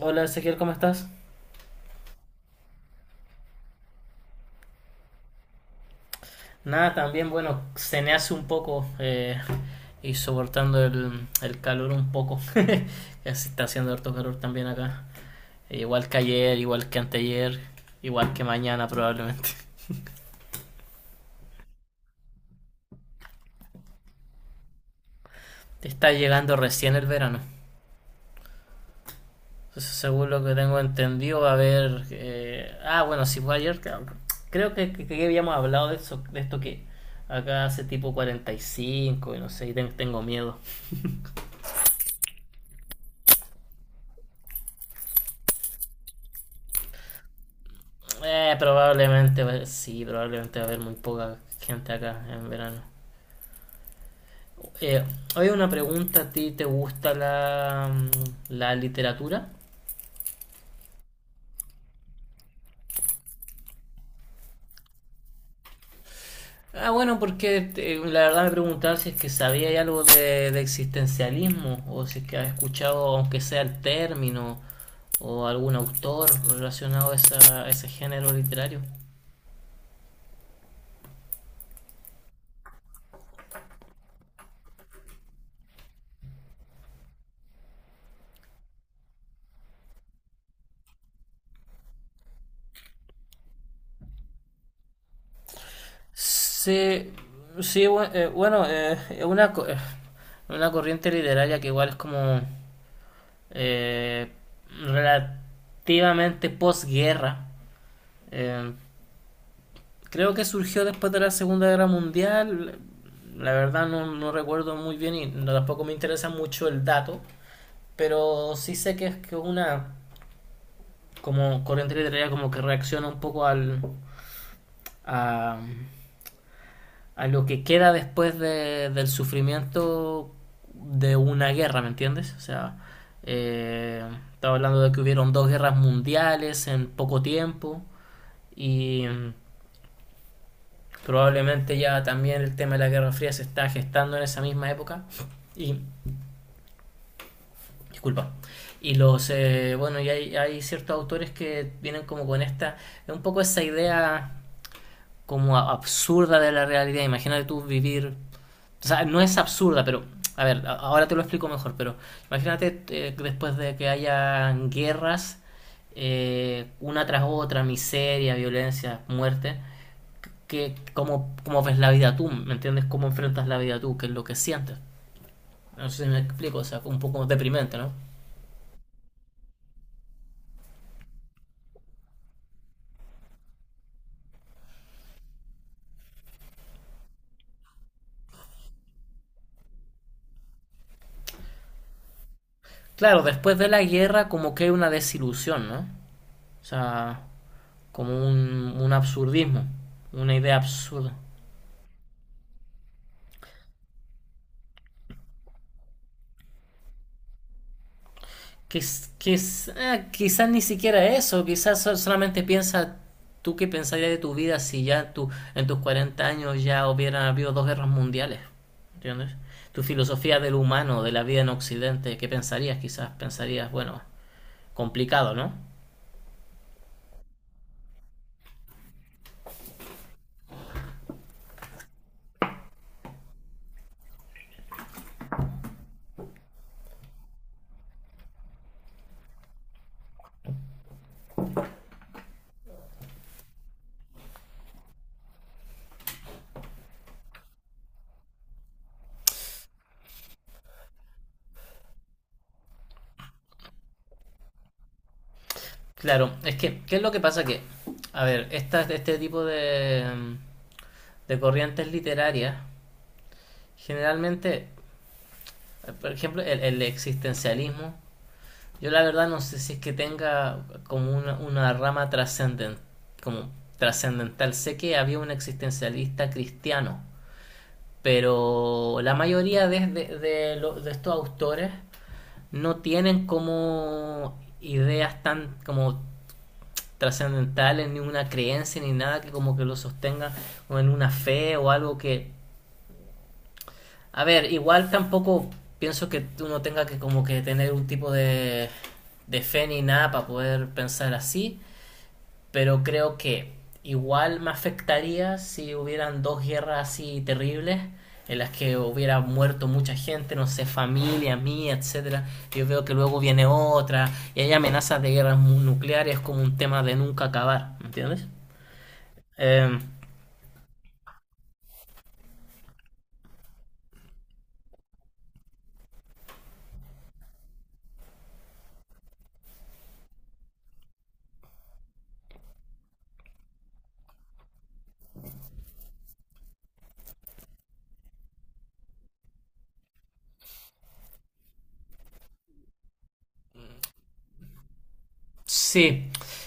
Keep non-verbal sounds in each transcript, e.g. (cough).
Hola Ezequiel, ¿cómo estás? Nada, también, bueno, cené hace un poco y soportando el calor un poco. (laughs) Ya se está haciendo harto calor también acá. Igual que ayer, igual que anteayer, igual que mañana probablemente. Te Está llegando recién el verano. Entonces, según lo que tengo entendido, va a haber bueno, si fue ayer, creo que habíamos hablado de eso, de esto que acá hace tipo 45 y cinco y no sé, y tengo miedo. Probablemente, pues, sí, probablemente va a haber muy poca gente acá en verano. Eh, Hoy una pregunta, ¿a ti te gusta la literatura? Ah, bueno, porque la verdad me preguntaba si es que sabía algo de existencialismo, o si es que has escuchado, aunque sea, el término, o algún autor relacionado a a ese género literario. Sí, sí, bueno, es una, una corriente literaria que igual es como eh, relativamente posguerra. Eh, Creo que surgió después de la Segunda Guerra Mundial. La verdad no recuerdo muy bien y tampoco me interesa mucho el dato. Pero sí sé que es que una como corriente literaria como que reacciona un poco a, a lo que queda después del sufrimiento de una guerra, ¿me entiendes? O sea, eh, estaba hablando de que hubieron 2 guerras mundiales en poco tiempo y probablemente ya también el tema de la Guerra Fría se está gestando en esa misma época. Y disculpa. Y bueno, y hay ciertos autores que vienen como con esta, un poco esa idea como absurda de la realidad. Imagínate tú vivir. O sea, no es absurda, pero a ver, ahora te lo explico mejor, pero imagínate después de que haya guerras, una tras otra, miseria, violencia, muerte, que, ¿cómo, cómo ves la vida tú? ¿Me entiendes? ¿Cómo enfrentas la vida tú? ¿Qué es lo que sientes? No sé si me explico, o sea, un poco deprimente, ¿no? Claro, después de la guerra como que hay una desilusión, ¿no? O sea, como un absurdismo, una idea absurda. Quizás ni siquiera eso, quizás solamente piensa tú qué pensarías de tu vida si ya tú, en tus 40 años, ya hubieran habido 2 guerras mundiales, ¿entiendes? Tu filosofía del humano, de la vida en Occidente, ¿qué pensarías? Quizás pensarías, bueno, complicado, ¿no? Claro, es que ¿qué es lo que pasa? Que, a ver, esta, este tipo de, de corrientes literarias, generalmente, por ejemplo, el existencialismo, yo la verdad no sé si es que tenga como una rama como trascendental. Sé que había un existencialista cristiano, pero la mayoría de estos autores no tienen como ideas tan como trascendentales, ni una creencia, ni nada que como que lo sostenga o en una fe o algo que a ver, igual tampoco pienso que uno tenga que como que tener un tipo de fe ni nada para poder pensar así. Pero creo que igual me afectaría si hubieran 2 guerras así terribles en las que hubiera muerto mucha gente, no sé, familia mía, etcétera. Yo veo que luego viene otra y hay amenazas de guerras nucleares como un tema de nunca acabar, ¿me ¿entiendes? Em, Sí,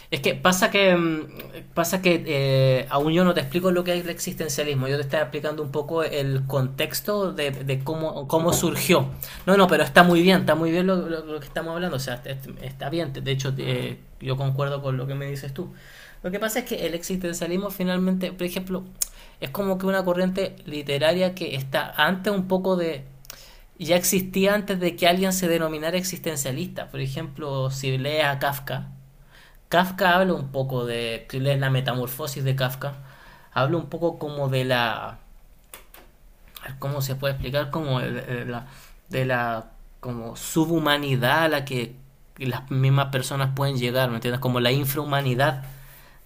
es que pasa que pasa que aún yo no te explico lo que es el existencialismo, yo te estoy explicando un poco el contexto de cómo, cómo surgió. No, no, pero está muy bien lo que estamos hablando, o sea, está bien, de hecho yo concuerdo con lo que me dices tú. Lo que pasa es que el existencialismo finalmente, por ejemplo, es como que una corriente literaria que está antes un poco de ya existía antes de que alguien se denominara existencialista. Por ejemplo, si lees a Kafka, Kafka habla un poco de, si lees la metamorfosis de Kafka, habla un poco como de la, ¿cómo se puede explicar? Como de la como subhumanidad a la que las mismas personas pueden llegar, ¿me entiendes? Como la infrahumanidad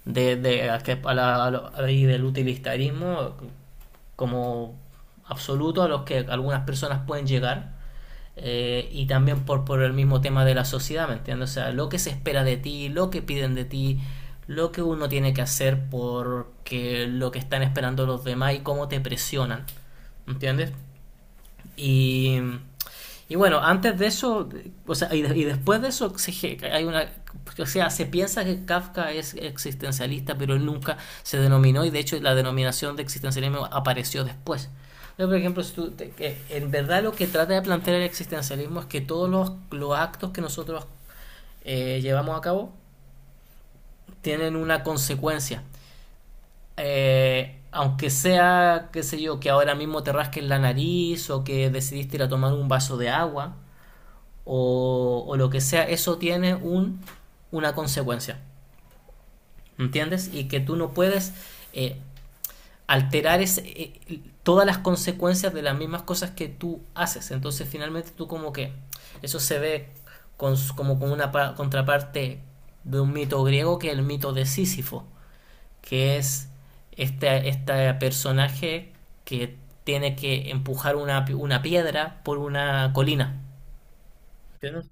de, a que- a la- a lo- ahí del utilitarismo como absoluto a los que algunas personas pueden llegar, y también por el mismo tema de la sociedad, ¿me entiendes? O sea, lo que se espera de ti, lo que piden de ti, lo que uno tiene que hacer porque lo que están esperando los demás y cómo te presionan, ¿me entiendes? Y y bueno, antes de eso, o sea, y y después de eso, se, hay una, o sea, se piensa que Kafka es existencialista, pero él nunca se denominó y de hecho la denominación de existencialismo apareció después. Yo, por ejemplo, si tú te- que en verdad lo que trata de plantear el existencialismo es que todos los actos que nosotros llevamos a cabo tienen una consecuencia. Aunque sea, qué sé yo, que ahora mismo te rasques la nariz o que decidiste ir a tomar un vaso de agua, o lo que sea, eso tiene un, una consecuencia, ¿entiendes? Y que tú no puedes eh, alterar ese, todas las consecuencias de las mismas cosas que tú haces. Entonces finalmente tú como que eso se ve con, como con una contraparte de un mito griego que es el mito de Sísifo, que es este personaje que tiene que empujar una piedra por una colina. ¿Entiendes?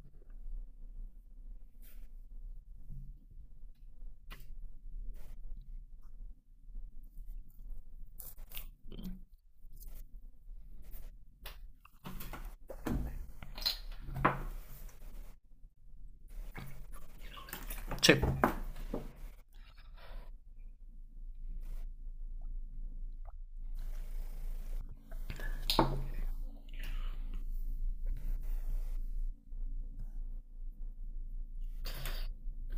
Sí.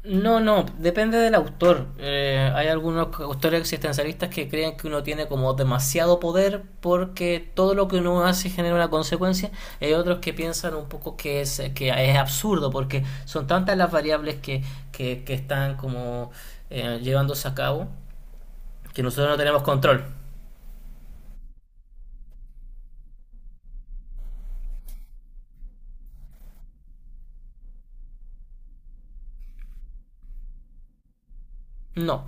No, no, depende del autor. Hay algunos autores existencialistas que creen que uno tiene como demasiado poder porque todo lo que uno hace genera una consecuencia. Y hay otros que piensan un poco que es absurdo porque son tantas las variables que están como llevándose a cabo que nosotros no tenemos control. No,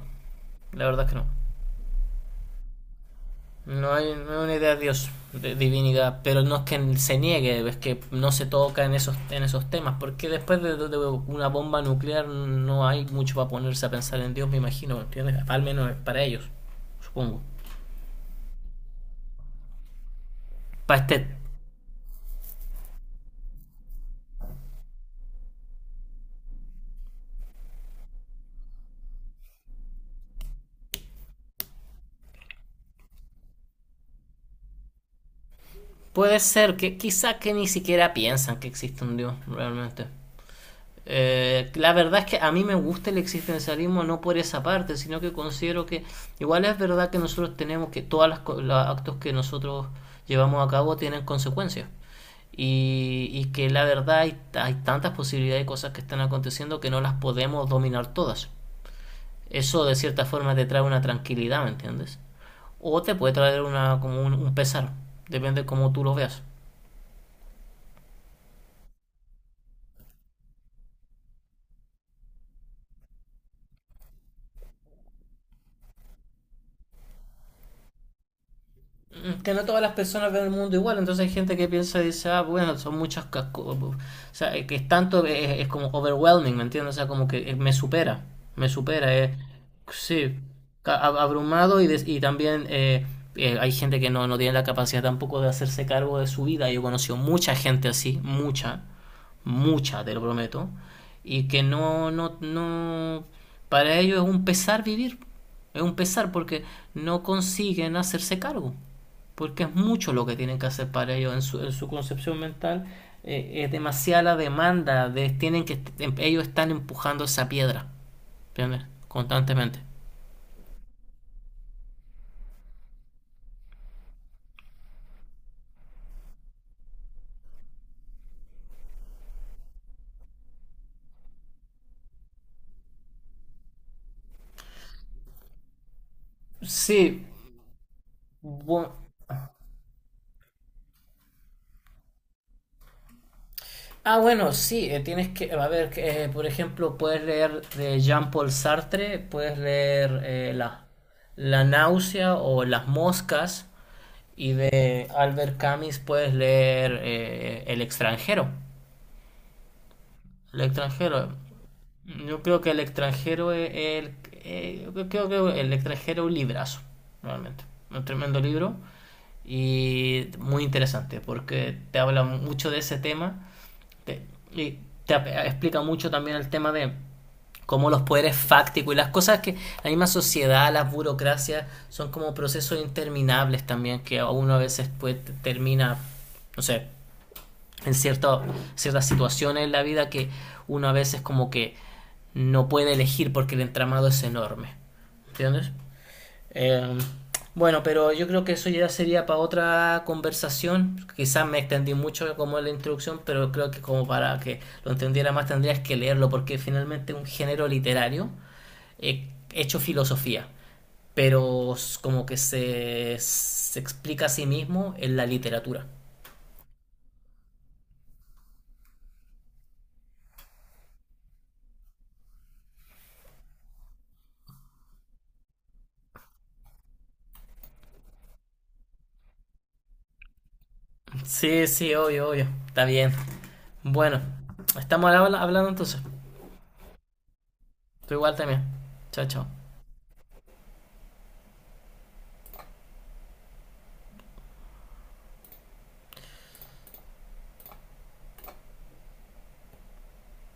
la verdad es que no. No hay, no hay una idea de Dios, de divinidad, pero no es que se niegue, es que no se toca en esos temas, porque después de una bomba nuclear no hay mucho para ponerse a pensar en Dios, me imagino, ¿entiendes? Al menos para ellos, supongo. Para este, puede ser que quizá que ni siquiera piensan que existe un Dios, realmente. La verdad es que a mí me gusta el existencialismo no por esa parte, sino que considero que igual es verdad que nosotros tenemos que todos los actos que nosotros llevamos a cabo tienen consecuencias. Y que la verdad hay, hay tantas posibilidades de cosas que están aconteciendo que no las podemos dominar todas. Eso de cierta forma te trae una tranquilidad, ¿me entiendes? O te puede traer una, como un pesar, depende de cómo tú lo veas. Mm, que no todas las personas ven el mundo igual, entonces hay gente que piensa y dice, ah, bueno, son muchas o sea, que es tanto, es como overwhelming, ¿me entiendes? O sea, como que me supera, sí, abrumado y, y también hay gente que no, no tiene la capacidad tampoco de hacerse cargo de su vida, yo he conocido mucha gente así, mucha, mucha, te lo prometo, y que no, no, no, para ellos es un pesar vivir, es un pesar porque no consiguen hacerse cargo porque es mucho lo que tienen que hacer para ellos en su concepción mental. Eh, es demasiada la demanda, de, tienen que, ellos están empujando esa piedra, ¿entiendes? Constantemente. Sí, bu- bueno, sí, tienes que, a ver, que, por ejemplo, puedes leer de Jean-Paul Sartre, puedes leer la, La náusea o Las moscas, y de Albert Camus puedes leer El extranjero. El extranjero. Yo creo que el extranjero es yo creo que el extranjero es un librazo, realmente. Un tremendo libro y muy interesante porque te habla mucho de ese tema, te- y explica mucho también el tema de cómo los poderes fácticos y las cosas que la misma sociedad, las burocracias, son como procesos interminables también que a uno a veces pues, termina, no sé, en cierto, ciertas situaciones en la vida que uno a veces como que no puede elegir porque el entramado es enorme. ¿Entiendes? Eh, bueno, pero yo creo que eso ya sería para otra conversación. Quizás me extendí mucho como en la introducción, pero creo que como para que lo entendiera más tendrías que leerlo porque finalmente es un género literario hecho filosofía, pero como que se explica a sí mismo en la literatura. (laughs) Sí, sí, obvio, obvio. Está bien. Bueno, estamos hablando entonces. Tú igual también. Chao, chao.